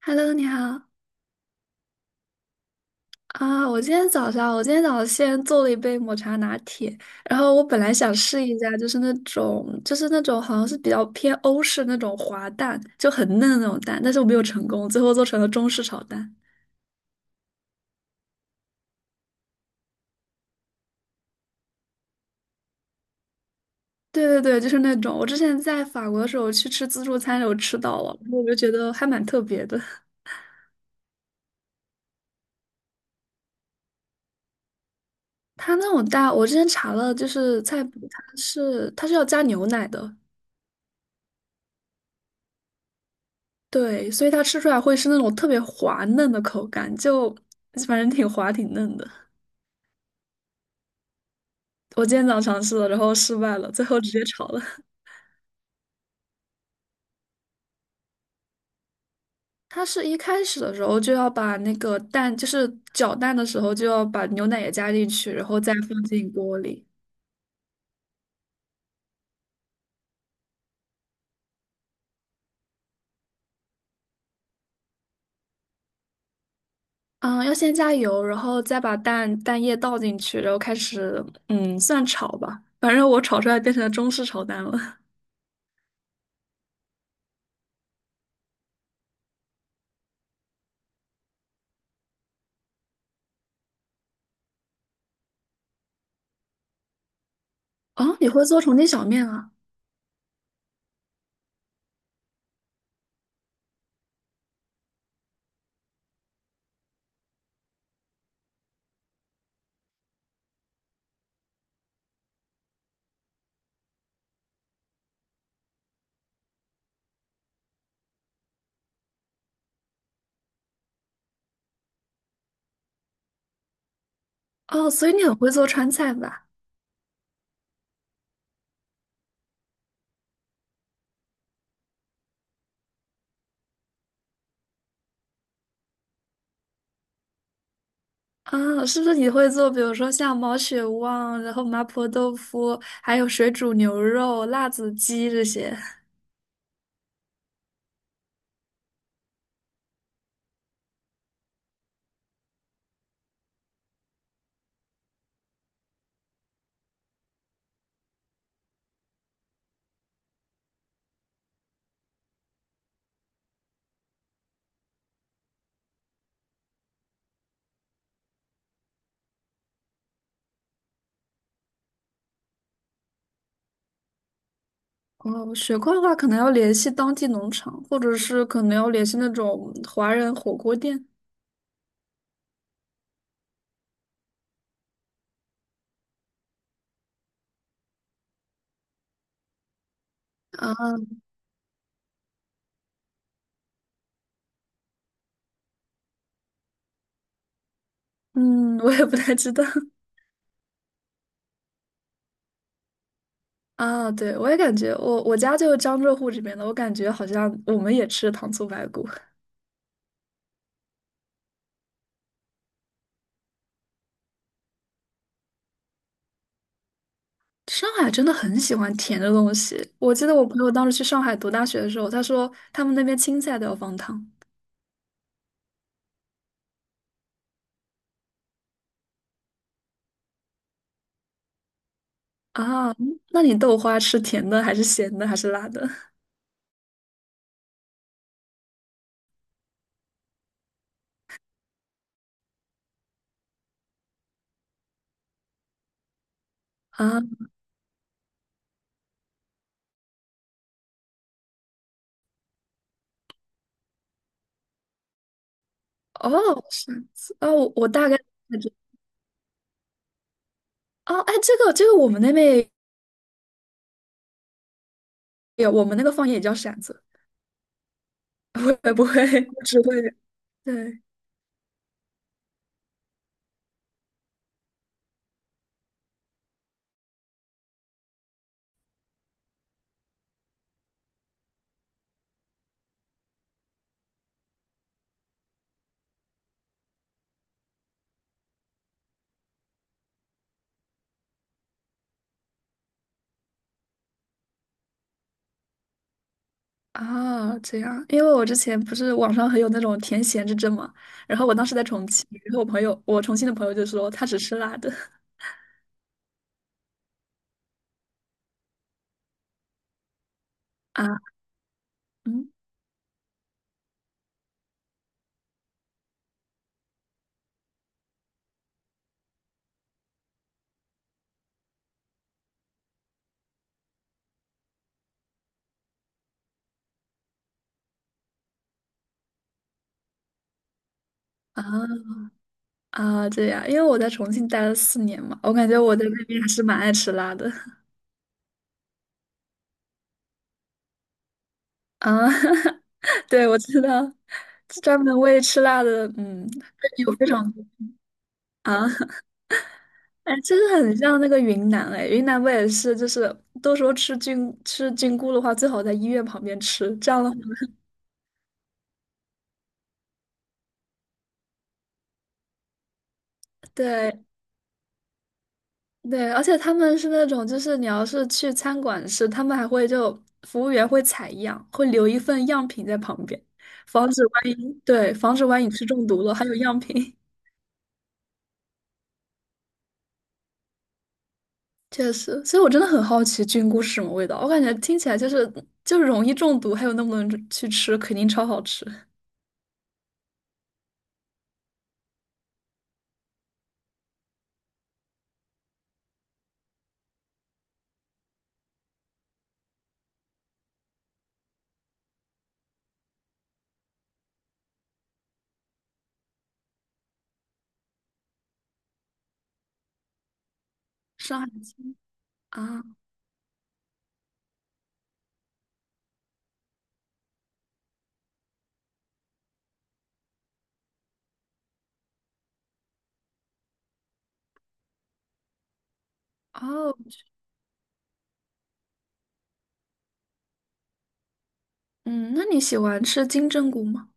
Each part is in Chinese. Hello，你好。啊！我今天早上，我今天早上先做了一杯抹茶拿铁，然后我本来想试一下，就是那种，就是那种好像是比较偏欧式那种滑蛋，就很嫩的那种蛋，但是我没有成功，最后做成了中式炒蛋。对对对，就是那种。我之前在法国的时候去吃自助餐，有吃到了，然后我就觉得还蛮特别的。它那种蛋，我之前查了，就是菜谱，它是要加牛奶的。对，所以它吃出来会是那种特别滑嫩的口感，就反正挺滑挺嫩的。我今天早上尝试了，然后失败了，最后直接炒了。它是一开始的时候就要把那个蛋，就是搅蛋的时候就要把牛奶也加进去，然后再放进锅里。嗯，要先加油，然后再把蛋蛋液倒进去，然后开始算炒吧。反正我炒出来变成了中式炒蛋了。哦，你会做重庆小面啊？哦，所以你很会做川菜吧？啊，是不是你会做，比如说像毛血旺，然后麻婆豆腐，还有水煮牛肉、辣子鸡这些？哦，雪块的话，可能要联系当地农场，或者是可能要联系那种华人火锅店。啊 嗯，我也不太知道 啊，对，我也感觉我家就是江浙沪这边的，我感觉好像我们也吃糖醋排骨。上海真的很喜欢甜的东西。我记得我朋友当时去上海读大学的时候，他说他们那边青菜都要放糖。啊，那你豆花吃甜的还是咸的还是辣的？啊，哦，是子，哦，我大概哦，哎，这个我们那边也有，我们那个方言也叫馓子。我也不会，我只会对啊，这样，因为我之前不是网上很有那种甜咸之争嘛，然后我当时在重庆，然后我朋友，我重庆的朋友就说他只吃辣的啊，嗯啊啊，这样，因为我在重庆待了四年嘛，我感觉我在那边还是蛮爱吃辣的。啊，对，我知道，专门为吃辣的，嗯，有非常多啊。哎，真的很像那个云南，哎，云南不也是，就是都说吃菌吃菌菇的话，最好在医院旁边吃，这样的话，对。对，而且他们是那种，就是你要是去餐馆吃，他们还会就服务员会采样，会留一份样品在旁边，防止万一，对，防止万一吃中毒了，还有样品。确实，所以我真的很好奇菌菇是什么味道，我感觉听起来就是就是容易中毒，还有那么多人去吃，肯定超好吃。上海青啊，哦，嗯，那你喜欢吃金针菇吗？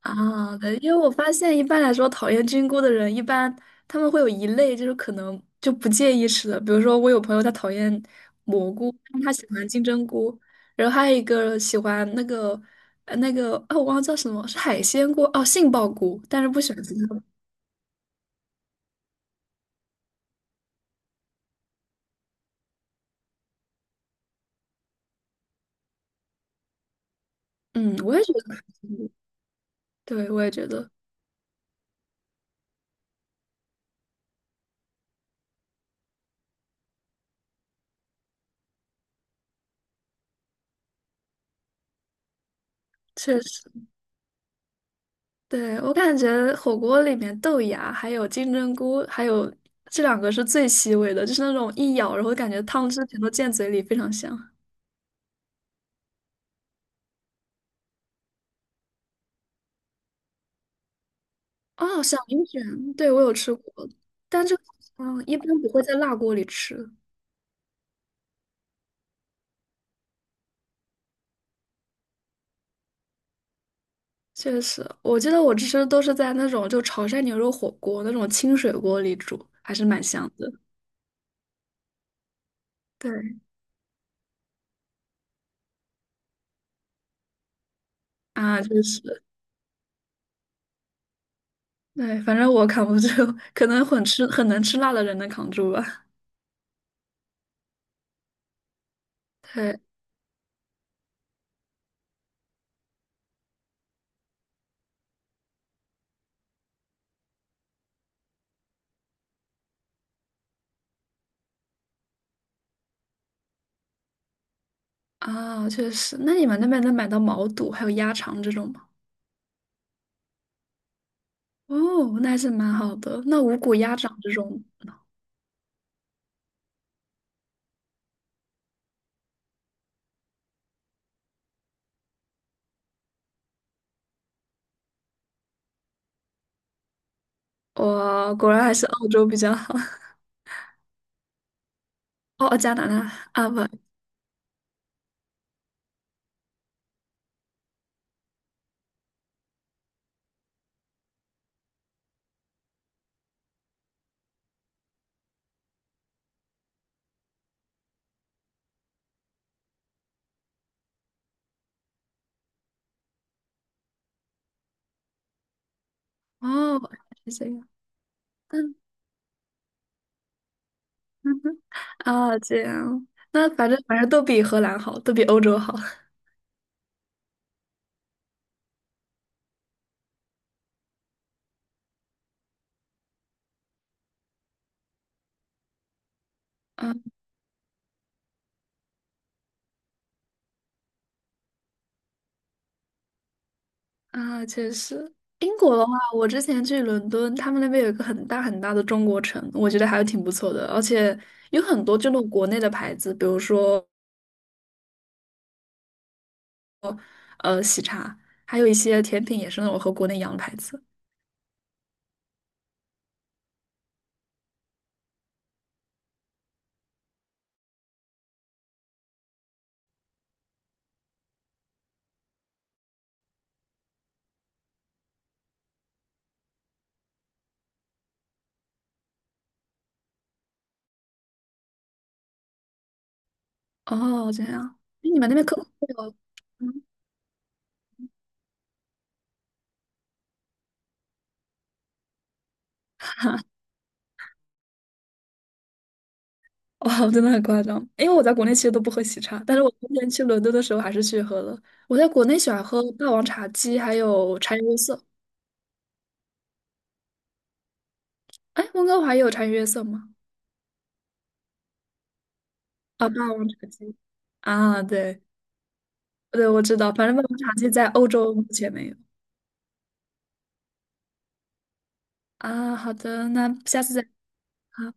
啊，对，因为我发现一般来说讨厌菌菇的人，一般他们会有一类就是可能就不介意吃的，比如说我有朋友他讨厌蘑菇，但他喜欢金针菇，然后还有一个喜欢那个那个哦，我忘了叫什么，是海鲜菇哦，杏鲍菇，但是不喜欢金针菇。嗯，我也觉得很幸运。对，我也觉得确实。对，我感觉火锅里面豆芽还有金针菇，还有这两个是最吸味的，就是那种一咬，然后感觉汤汁全都溅嘴里，非常香。哦，小铃卷，对，我有吃过，但这个一般不会在辣锅里吃。确实，我记得我吃都是在那种就潮汕牛肉火锅那种清水锅里煮，还是蛮香的。对啊，就是。对，反正我扛不住，可能很吃很能吃辣的人能扛住吧。对啊，确实。那你们那边能买到毛肚还有鸭肠这种吗？哦，那还是蛮好的。那五谷鸭掌这种，哇，果然还是澳洲比较好。哦，加拿大啊不，哦，是这样。嗯嗯嗯啊，这样。那反正反正都比荷兰好，都比欧洲好。啊啊，确实，英国的话，我之前去伦敦，他们那边有一个很大很大的中国城，我觉得还是挺不错的，而且有很多就那种国内的牌子，比如说喜茶，还有一些甜品也是那种和国内一样的牌子。哦，这样，诶你们那边可口会有？嗯，哦真的很夸张，因为我在国内其实都不喝喜茶，但是我之前去伦敦的时候还是去喝了。我在国内喜欢喝霸王茶姬，还有茶颜悦色。哎，温哥华也有茶颜悦色吗？啊，霸王茶姬。啊，对，对，我知道，反正办公场地在欧洲目前没有啊。好的，那下次再。好。